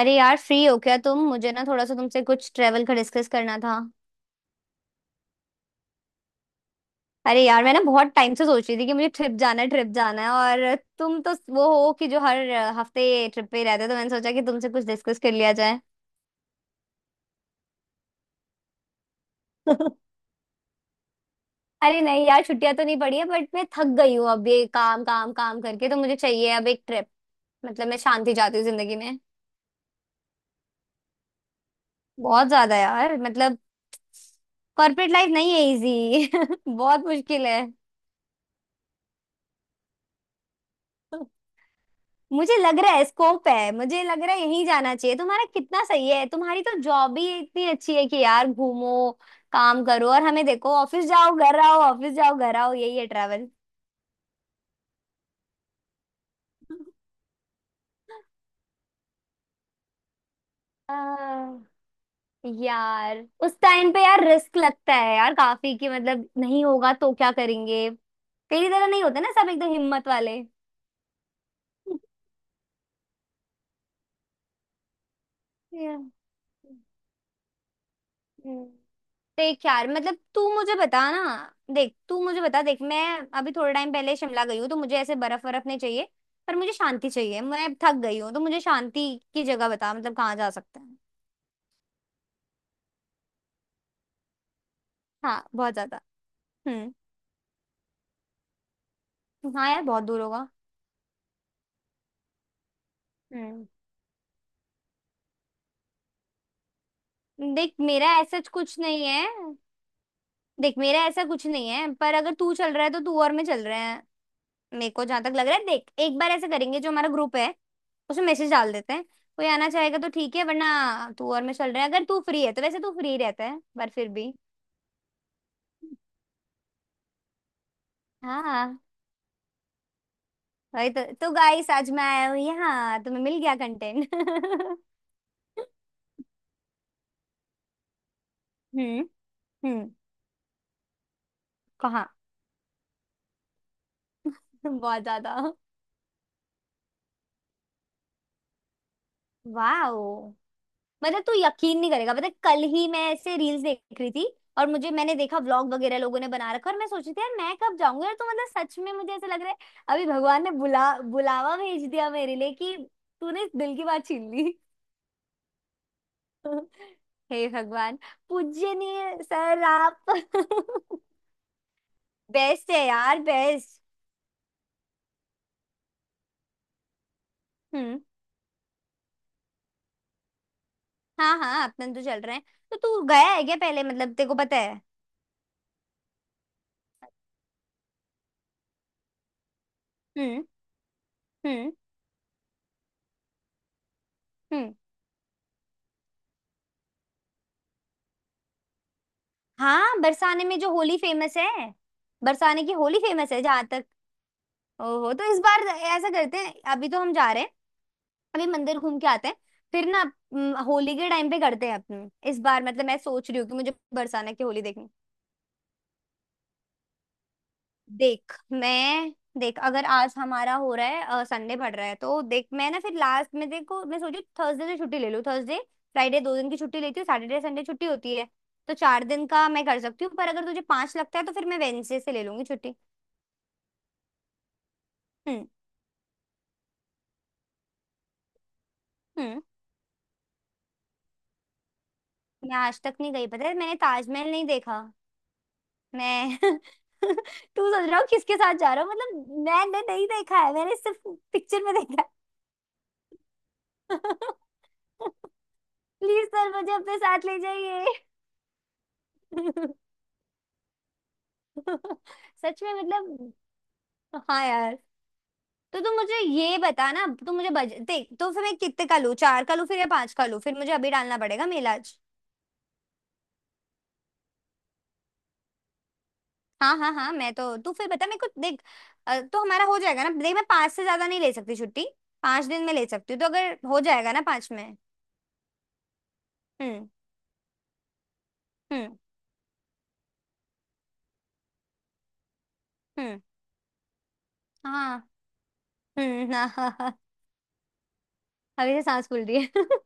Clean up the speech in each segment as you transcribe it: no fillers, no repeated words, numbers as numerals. अरे यार फ्री हो क्या तुम। मुझे ना थोड़ा सा तुमसे कुछ ट्रेवल का डिस्कस करना था। अरे यार मैं ना बहुत टाइम से सोच रही थी कि मुझे ट्रिप जाना है, ट्रिप जाना है, और तुम तो वो हो कि जो हर हफ्ते ट्रिप पे ही रहते हो, तो मैंने सोचा कि तुमसे कुछ डिस्कस कर लिया जाए। अरे नहीं यार, छुट्टियां तो नहीं पड़ी है, बट मैं थक गई हूँ अब ये काम काम काम करके। तो मुझे चाहिए अब एक ट्रिप। मतलब मैं शांति चाहती हूँ जिंदगी में। बहुत ज्यादा यार मतलब। कॉर्पोरेट लाइफ नहीं है इजी बहुत मुश्किल है। मुझे लग रहा है स्कोप है, मुझे लग रहा है यहीं जाना चाहिए। तुम्हारा कितना सही है, तुम्हारी तो जॉब ही इतनी अच्छी है कि यार घूमो। काम करो और हमें देखो, ऑफिस जाओ घर आओ, ऑफिस जाओ घर आओ, यही है ट्रैवल। आ, यार उस टाइम पे यार रिस्क लगता है यार काफी, कि मतलब नहीं होगा तो क्या करेंगे। तेरी तरह नहीं होते ना सब एकदम हिम्मत वाले Yeah. हम्म। देख यार मतलब तू मुझे बता ना। देख तू मुझे बता। देख मैं अभी थोड़े टाइम पहले शिमला गई हूँ, तो मुझे ऐसे बर्फ बर्फ नहीं चाहिए। पर मुझे शांति चाहिए, मैं थक गई हूँ, तो मुझे शांति की जगह बता, मतलब कहाँ जा सकते हैं। हाँ बहुत ज्यादा। हम्म। हाँ यार बहुत दूर होगा। हम्म। देख मेरा ऐसा कुछ नहीं है। देख मेरा ऐसा कुछ नहीं है, पर अगर तू चल रहा है तो तू और मैं चल रहे हैं। मेरे को जहां तक लग रहा है, देख एक बार ऐसे करेंगे, जो हमारा ग्रुप है उसमें मैसेज डाल देते हैं। कोई आना चाहेगा तो ठीक है वरना तू और मैं चल रहे हैं, अगर तू फ्री है तो। वैसे तू फ्री रहता है, पर फिर भी। हाँ। भाई तो गाइस आज मैं आया हूँ यहाँ, तुम्हें मिल गया कंटेंट हम्म। हम्म। कहाँ। बहुत ज्यादा। वाह। मतलब तू यकीन नहीं करेगा, मतलब कल ही मैं ऐसे रील्स देख रही थी और मुझे, मैंने देखा व्लॉग वगैरह लोगों ने बना रखा, और मैं सोच रही थी यार मैं कब जाऊंगी यार। तो मतलब सच में मुझे ऐसा लग रहा है अभी भगवान ने बुलावा भेज दिया मेरे लिए, कि तूने इस दिल की बात छीन ली। हे भगवान। पूजनीय सर आप बेस्ट है यार, बेस्ट। हम्म। हाँ हाँ अपन तो चल रहे हैं। तो तू गया है क्या पहले, मतलब तेरे को पता है। हम्म। हम्म। हम्म। हाँ बरसाने में जो होली फेमस है। बरसाने की होली फेमस है जहां तक। ओहो। तो इस बार ऐसा करते हैं, अभी तो हम जा रहे हैं, अभी मंदिर घूम के आते हैं, फिर ना होली के टाइम पे करते हैं अपने। इस बार मतलब मैं सोच रही हूँ कि मुझे बरसाने की होली देखनी। देख मैं। देख अगर आज हमारा हो रहा है, संडे पड़ रहा है, तो देख मैं ना फिर लास्ट में देखो मैं सोची थर्सडे से छुट्टी ले लूँ। थर्सडे फ्राइडे 2 दिन की छुट्टी लेती हूँ, सैटरडे संडे छुट्टी होती है, तो 4 दिन का मैं कर सकती हूँ। पर अगर तुझे पांच लगता है तो फिर मैं वेडनेसडे से ले लूंगी छुट्टी। हम्म। हम्म। मैं आज तक नहीं गई, पता है मैंने ताजमहल नहीं देखा मैं तू सोच रहा हो किसके साथ जा रहा हूँ, मतलब मैंने नहीं देखा है, मैंने सिर्फ पिक्चर में देखा है। प्लीज सर मुझे अपने साथ ले जाइए। सच में मतलब। हाँ यार। तो तुम मुझे ये बता ना, तुम मुझे बजट देख, तो फिर मैं कितने का लूँ, चार का लूँ फिर या पांच का लूँ, फिर मुझे अभी डालना पड़ेगा मेला। हाँ हाँ हाँ मैं तो, तू फिर बता मेरे को देख। तो हमारा हो जाएगा ना। देख मैं पाँच से ज्यादा नहीं ले सकती छुट्टी। 5 दिन में ले सकती हूँ, तो अगर हो जाएगा ना पाँच में। हम्म। हम्म। हम्म। हाँ। हम्म। हाँ हाँ हाँ। अभी से सांस फूल रही है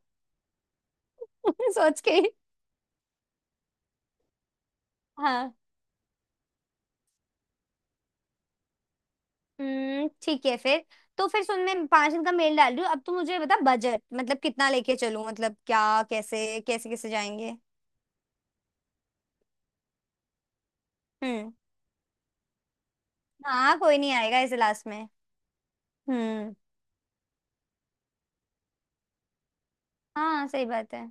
सोच के ही। हाँ। ठीक है फिर। तो फिर सुन मैं 5 दिन का मेल डाल रही हूँ, अब तू मुझे बता बजट, मतलब कितना लेके चलूँ, मतलब क्या, कैसे कैसे कैसे जाएंगे। हम्म। हाँ कोई नहीं आएगा ऐसे लास्ट में। हम्म। हाँ सही बात है।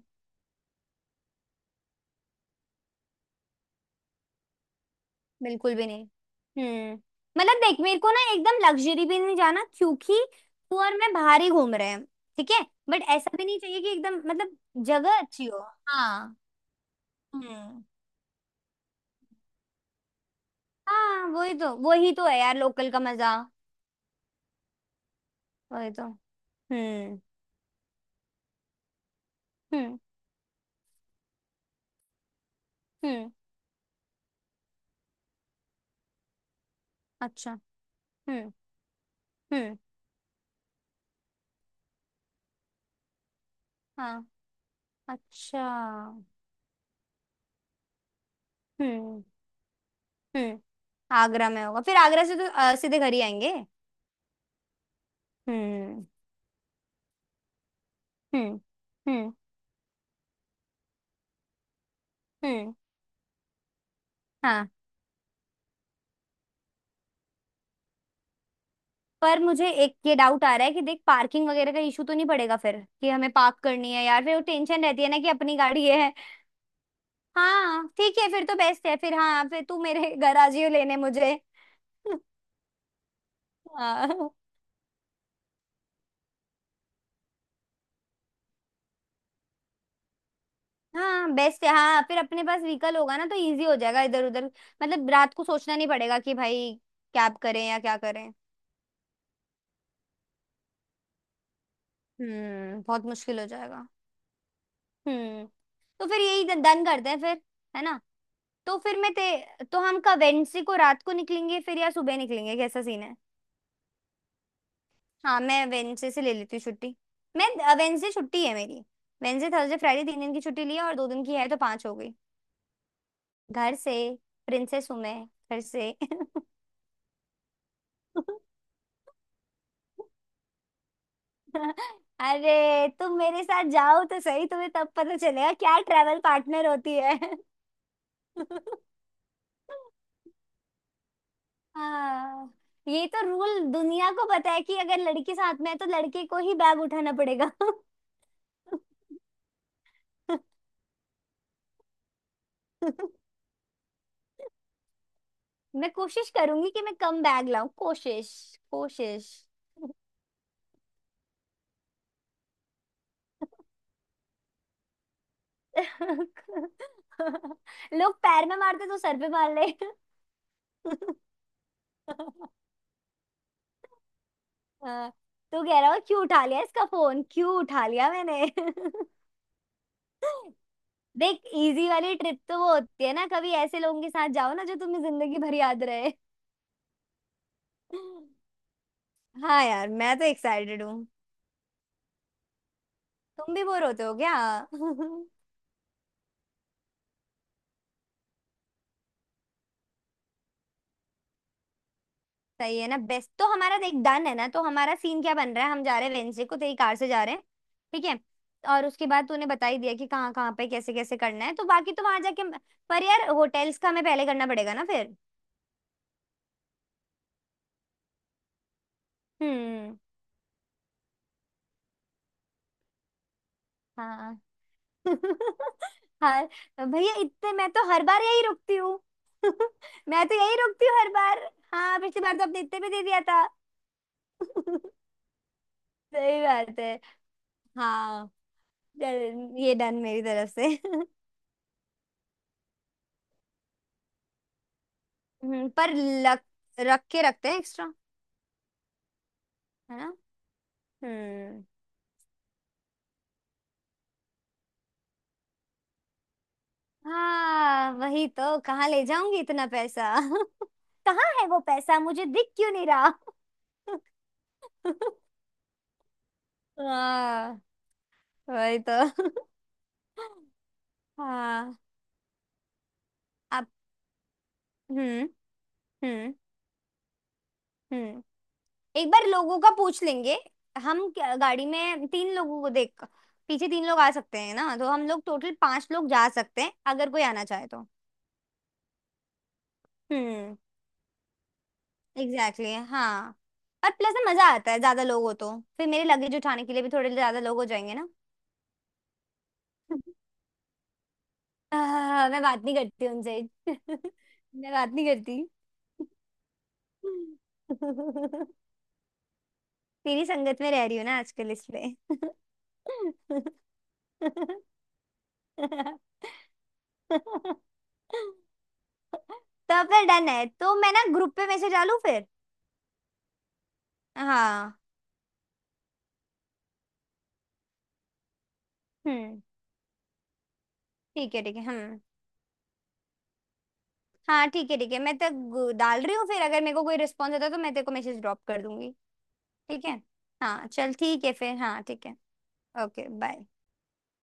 बिल्कुल भी नहीं। हम्म। मतलब देख मेरे को ना एकदम लग्जरी भी नहीं जाना, क्योंकि तू और मैं बाहर ही घूम रहे हैं। ठीक है। बट ऐसा भी नहीं चाहिए कि एकदम मतलब, जगह अच्छी हो। हाँ। हम्म। हाँ वही तो, वही तो है यार लोकल का मजा। वही तो। हम्म। हम्म। हम्म। अच्छा। हम्म। हम्म। हाँ। अच्छा। हम्म। हम्म। आगरा में होगा, फिर आगरा से तो सीधे घर ही आएंगे। हम्म। हम्म। हम्म। हम्म। हाँ। पर मुझे एक ये डाउट आ रहा है कि देख पार्किंग वगैरह का इशू तो नहीं पड़ेगा फिर, कि हमें पार्क करनी है यार, फिर वो टेंशन रहती है ना कि अपनी गाड़ी ये है। हाँ ठीक है फिर तो बेस्ट है फिर, हाँ फिर तू मेरे घर आ जियो लेने मुझे। हाँ। हाँ बेस्ट है, हाँ फिर अपने पास व्हीकल होगा ना तो इजी हो जाएगा इधर उधर, मतलब रात को सोचना नहीं पड़ेगा कि भाई कैब करें या क्या करें। हम्म। बहुत मुश्किल हो जाएगा। हम्म। तो फिर यही डन करते हैं फिर, है ना। तो फिर मैं ते तो हम कब वेंसी को रात को निकलेंगे फिर या सुबह निकलेंगे, कैसा सीन है। हाँ मैं वेंसडे से ले लेती हूँ छुट्टी। मैं, वेंसडे छुट्टी है मेरी, वेंसडे थर्सडे फ्राइडे 3 दिन की छुट्टी ली है, और 2 दिन की है, तो पांच हो गई। घर से। प्रिंसेस हूं मैं। घर से। अरे तुम मेरे साथ जाओ तो सही, तुम्हें तब पता चलेगा क्या ट्रैवल पार्टनर होती है। हाँ ये तो रूल दुनिया को पता है, कि अगर लड़की साथ में है तो लड़के को ही बैग उठाना पड़ेगा मैं कोशिश करूंगी कि मैं कम बैग लाऊं, कोशिश, कोशिश। लोग पैर में मारते तो सर पे मार ले हाँ, तू कह रहा हो क्यों उठा लिया इसका फोन, क्यों उठा लिया मैंने देख इजी वाली ट्रिप तो वो होती है ना, कभी ऐसे लोगों के साथ जाओ ना जो तुम्हें जिंदगी भर याद रहे। हाँ यार मैं तो एक्साइटेड हूँ। तुम भी बोर होते हो क्या सही है ना, बेस्ट तो हमारा। देख डन है ना, तो हमारा सीन क्या बन रहा है, हम जा रहे हैं वेंसडे को तेरी कार से जा रहे हैं। ठीक है। और उसके बाद तूने बता ही दिया कि कहाँ कहाँ पे कैसे कैसे करना है, तो बाकी तो वहां जाके। पर यार होटल्स का हमें पहले करना पड़ेगा ना फिर। हम्म। हाँ। हर भैया इतने मैं तो हर बार यही रुकती हूँ। मैं तो यही रुकती हूँ हर बार। हाँ पिछली बार तो आपने इतने में दे दिया था। सही बात है। हाँ चल, ये डन मेरी तरफ से हम्म, पर लक, रख के रखते हैं एक्स्ट्रा। है ना। हम्म। हाँ वही तो, कहाँ ले जाऊंगी इतना पैसा कहाँ है वो पैसा मुझे दिख क्यों नहीं रहा हाँ वही तो हाँ। आप। हम्म। हम्म। हम्म। एक बार लोगों का पूछ लेंगे। गाड़ी में तीन लोगों को देख, पीछे तीन लोग आ सकते हैं ना, तो हम लोग टोटल पांच लोग जा सकते हैं अगर कोई आना चाहे तो। हम्म। एग्जैक्टली exactly, हाँ। और प्लस ना मजा आता है ज्यादा लोग हो तो, फिर मेरे लगेज उठाने के लिए भी थोड़े ज्यादा लोग हो जाएंगे ना। आह, मैं बात नहीं करती उनसे। मैं बात नहीं करती। तेरी संगत में रह रही हूँ ना आजकल इसलिए तो फिर डन है, तो मैं ना ग्रुप पे मैसेज डालू फिर। हाँ। हम्म। ठीक है हम। हाँ ठीक है मैं डाल रही हूँ फिर, अगर मेरे को कोई रिस्पॉन्स आता है तो मैं तेरे को मैसेज ड्रॉप कर दूंगी। ठीक है। हाँ चल ठीक है फिर। हाँ ठीक है। Okay bye.